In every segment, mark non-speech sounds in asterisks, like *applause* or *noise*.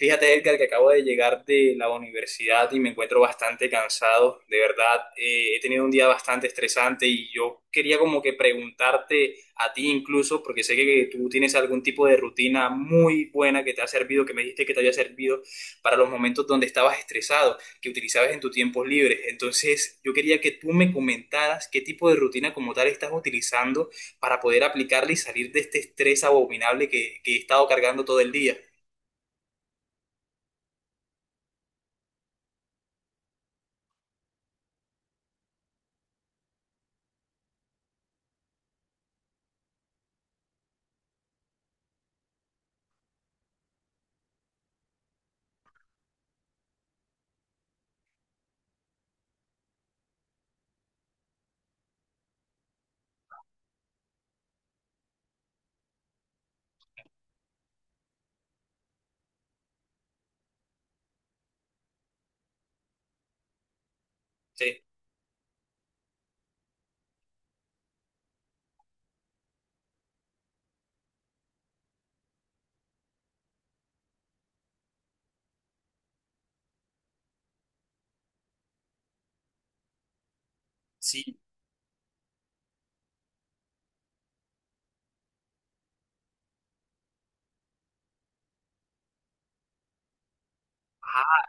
Fíjate, Edgar, que acabo de llegar de la universidad y me encuentro bastante cansado. De verdad, he tenido un día bastante estresante y yo quería como que preguntarte a ti incluso, porque sé que tú tienes algún tipo de rutina muy buena que te ha servido, que me dijiste que te había servido para los momentos donde estabas estresado, que utilizabas en tus tiempos libres. Entonces, yo quería que tú me comentaras qué tipo de rutina como tal estás utilizando para poder aplicarla y salir de este estrés abominable que he estado cargando todo el día. Sí. Sí. Ah,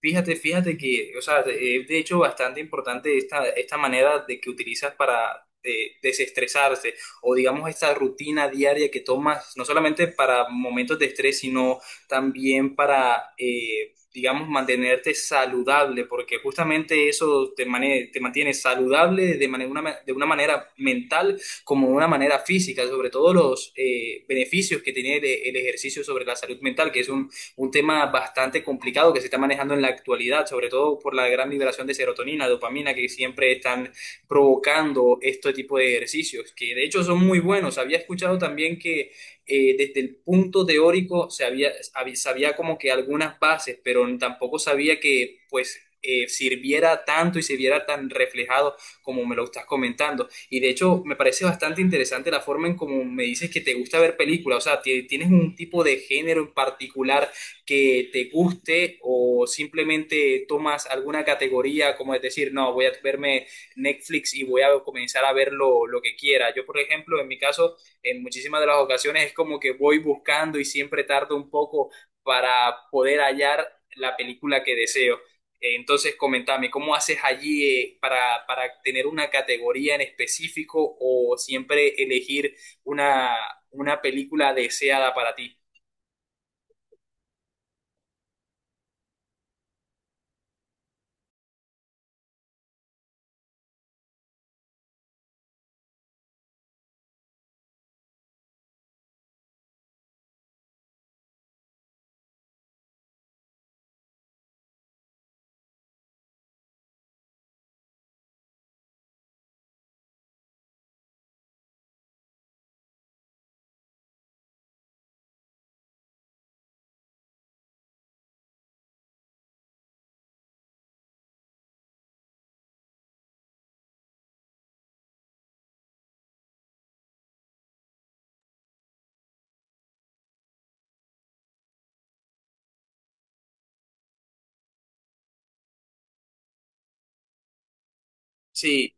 fíjate, fíjate que, o sea, es de hecho bastante importante esta manera de que utilizas para desestresarse o digamos esta rutina diaria que tomas, no solamente para momentos de estrés, sino también para, digamos, mantenerte saludable, porque justamente eso te mantiene saludable de una manera mental como de una manera física, sobre todo los beneficios que tiene el ejercicio sobre la salud mental, que es un tema bastante complicado que se está manejando en la actualidad, sobre todo por la gran liberación de serotonina, dopamina que siempre están provocando este tipo de ejercicios, que de hecho son muy buenos. Había escuchado también que desde el punto teórico se sabía como que algunas bases, pero tampoco sabía que pues sirviera tanto y se viera tan reflejado como me lo estás comentando. Y de hecho me parece bastante interesante la forma en cómo me dices que te gusta ver películas, o sea, tienes un tipo de género en particular que te guste o simplemente tomas alguna categoría, como es decir, no, voy a verme Netflix y voy a comenzar a ver lo que quiera. Yo, por ejemplo, en mi caso, en muchísimas de las ocasiones es como que voy buscando y siempre tardo un poco para poder hallar la película que deseo. Entonces, comentame, ¿cómo haces allí para, tener una categoría en específico o siempre elegir una, una película deseada para ti? Sí,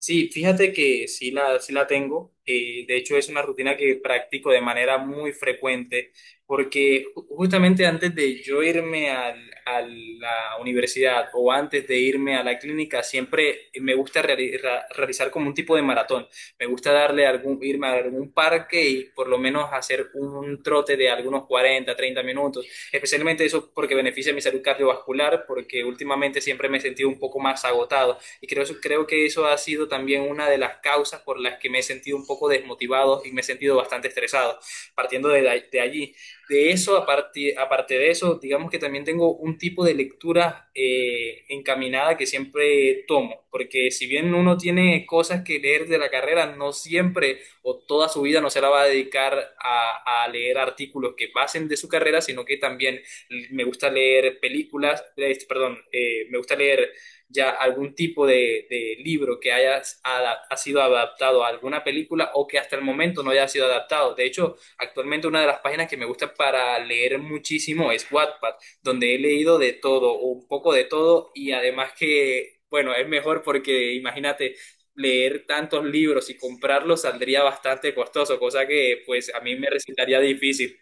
sí, fíjate que sí la tengo. De hecho, es una rutina que practico de manera muy frecuente, porque justamente antes de yo irme a la universidad o antes de irme a la clínica, siempre me gusta realizar como un tipo de maratón. Me gusta darle algún, irme a algún parque y por lo menos hacer un trote de algunos 40 30 minutos. Especialmente eso porque beneficia mi salud cardiovascular, porque últimamente siempre me he sentido un poco más agotado. Y creo que eso ha sido también una de las causas por las que me he sentido un poco desmotivado y me he sentido bastante estresado, partiendo de allí. De eso, aparte, de eso, digamos que también tengo un tipo de lectura encaminada que siempre tomo, porque si bien uno tiene cosas que leer de la carrera, no siempre o toda su vida no se la va a dedicar a leer artículos que pasen de su carrera, sino que también me gusta leer películas, perdón, me gusta leer ya algún tipo de libro que ha sido adaptado a alguna película o que hasta el momento no haya sido adaptado. De hecho, actualmente una de las páginas que me gusta para leer muchísimo es Wattpad, donde he leído de todo, o un poco de todo, y además que, bueno, es mejor porque imagínate. Leer tantos libros y comprarlos saldría bastante costoso, cosa que pues a mí me resultaría difícil.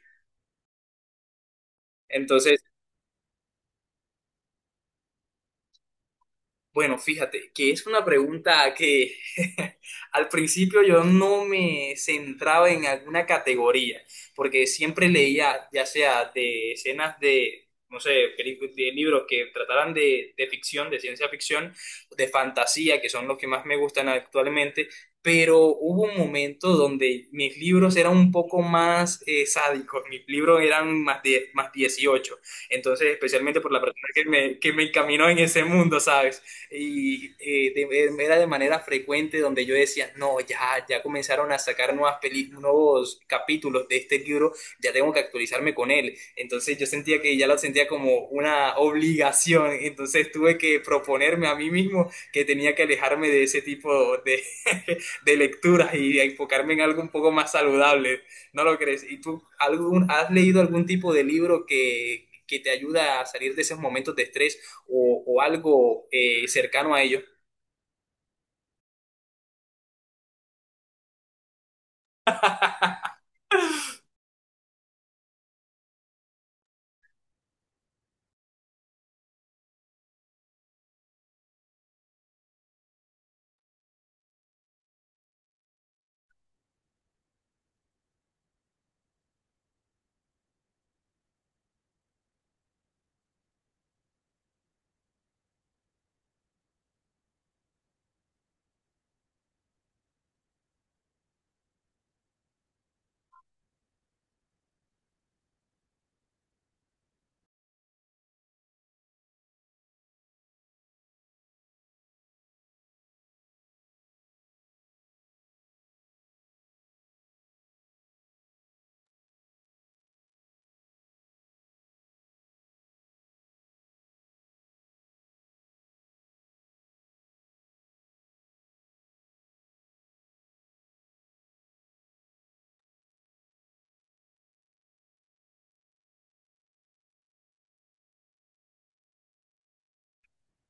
Entonces, bueno, fíjate que es una pregunta que *laughs* al principio yo no me centraba en alguna categoría, porque siempre leía, ya sea de escenas de, no sé, de libros que trataran de ficción, de ciencia ficción, de fantasía, que son los que más me gustan actualmente, pero hubo un momento donde mis libros eran un poco más sádicos, mis libros eran más 18. Entonces, especialmente por la persona que me encaminó en ese mundo, ¿sabes? Y era de manera frecuente donde yo decía, no, ya, ya comenzaron a sacar nuevas nuevos capítulos de este libro, ya tengo que actualizarme con él. Entonces yo sentía que ya lo sentía como una obligación, entonces tuve que proponerme a mí mismo que tenía que alejarme de ese tipo de, *laughs* de lecturas y enfocarme en algo un poco más saludable. ¿No lo crees? ¿Y tú algún, has leído algún tipo de libro que te ayuda a salir de esos momentos de estrés? O algo cercano a ello.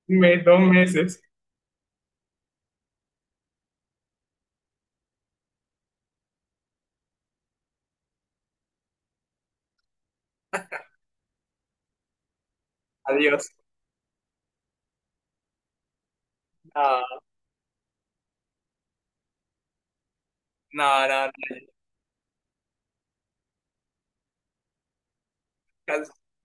2 meses. Adiós. No, no, no.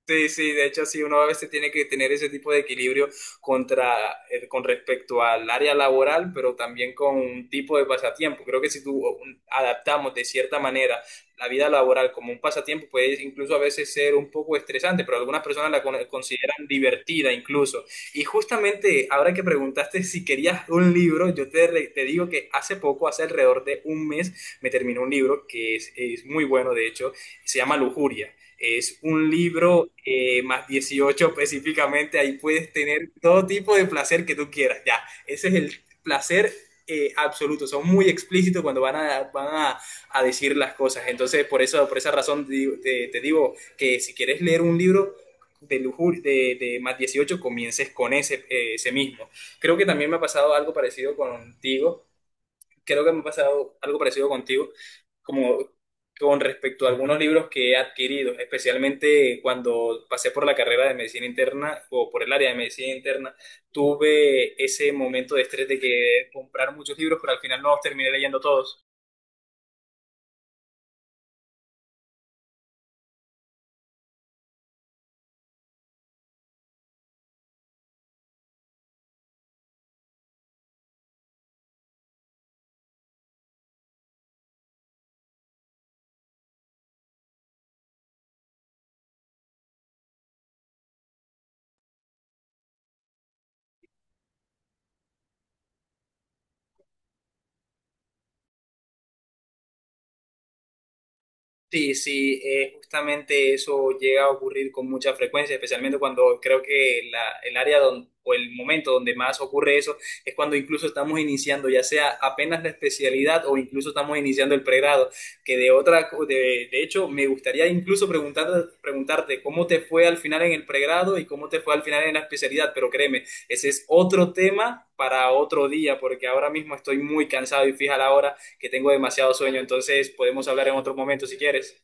Sí, sí, de hecho sí, uno a veces tiene que tener ese tipo de equilibrio con respecto al área laboral, pero también con un tipo de pasatiempo. Creo que si tú o, adaptamos de cierta manera la vida laboral como un pasatiempo, puede incluso a veces ser un poco estresante, pero algunas personas la consideran divertida incluso. Y justamente ahora que preguntaste si querías un libro, yo te digo que hace poco, hace alrededor de un mes, me terminó un libro que es muy bueno, de hecho, se llama Lujuria. Es un libro más 18 específicamente, ahí puedes tener todo tipo de placer que tú quieras, ya. Ese es el placer absoluto, son muy explícitos cuando a decir las cosas. Entonces, por eso, por esa razón te digo que si quieres leer un libro de lujuria, de más 18, comiences con ese, ese mismo. Creo que también me ha pasado algo parecido contigo. Creo que me ha pasado algo parecido contigo, como con respecto a algunos libros que he adquirido, especialmente cuando pasé por la carrera de medicina interna o por el área de medicina interna, tuve ese momento de estrés de que comprar muchos libros, pero al final no los terminé leyendo todos. Sí, sí, justamente eso llega a ocurrir con mucha frecuencia, especialmente cuando creo que el área o el momento donde más ocurre eso es cuando incluso estamos iniciando, ya sea apenas la especialidad o incluso estamos iniciando el pregrado, que de de hecho, me gustaría incluso preguntar, preguntarte cómo te fue al final en el pregrado y cómo te fue al final en la especialidad, pero créeme, ese es otro tema para otro día, porque ahora mismo estoy muy cansado y fija la hora que tengo demasiado sueño, entonces podemos hablar en otro momento si quieres.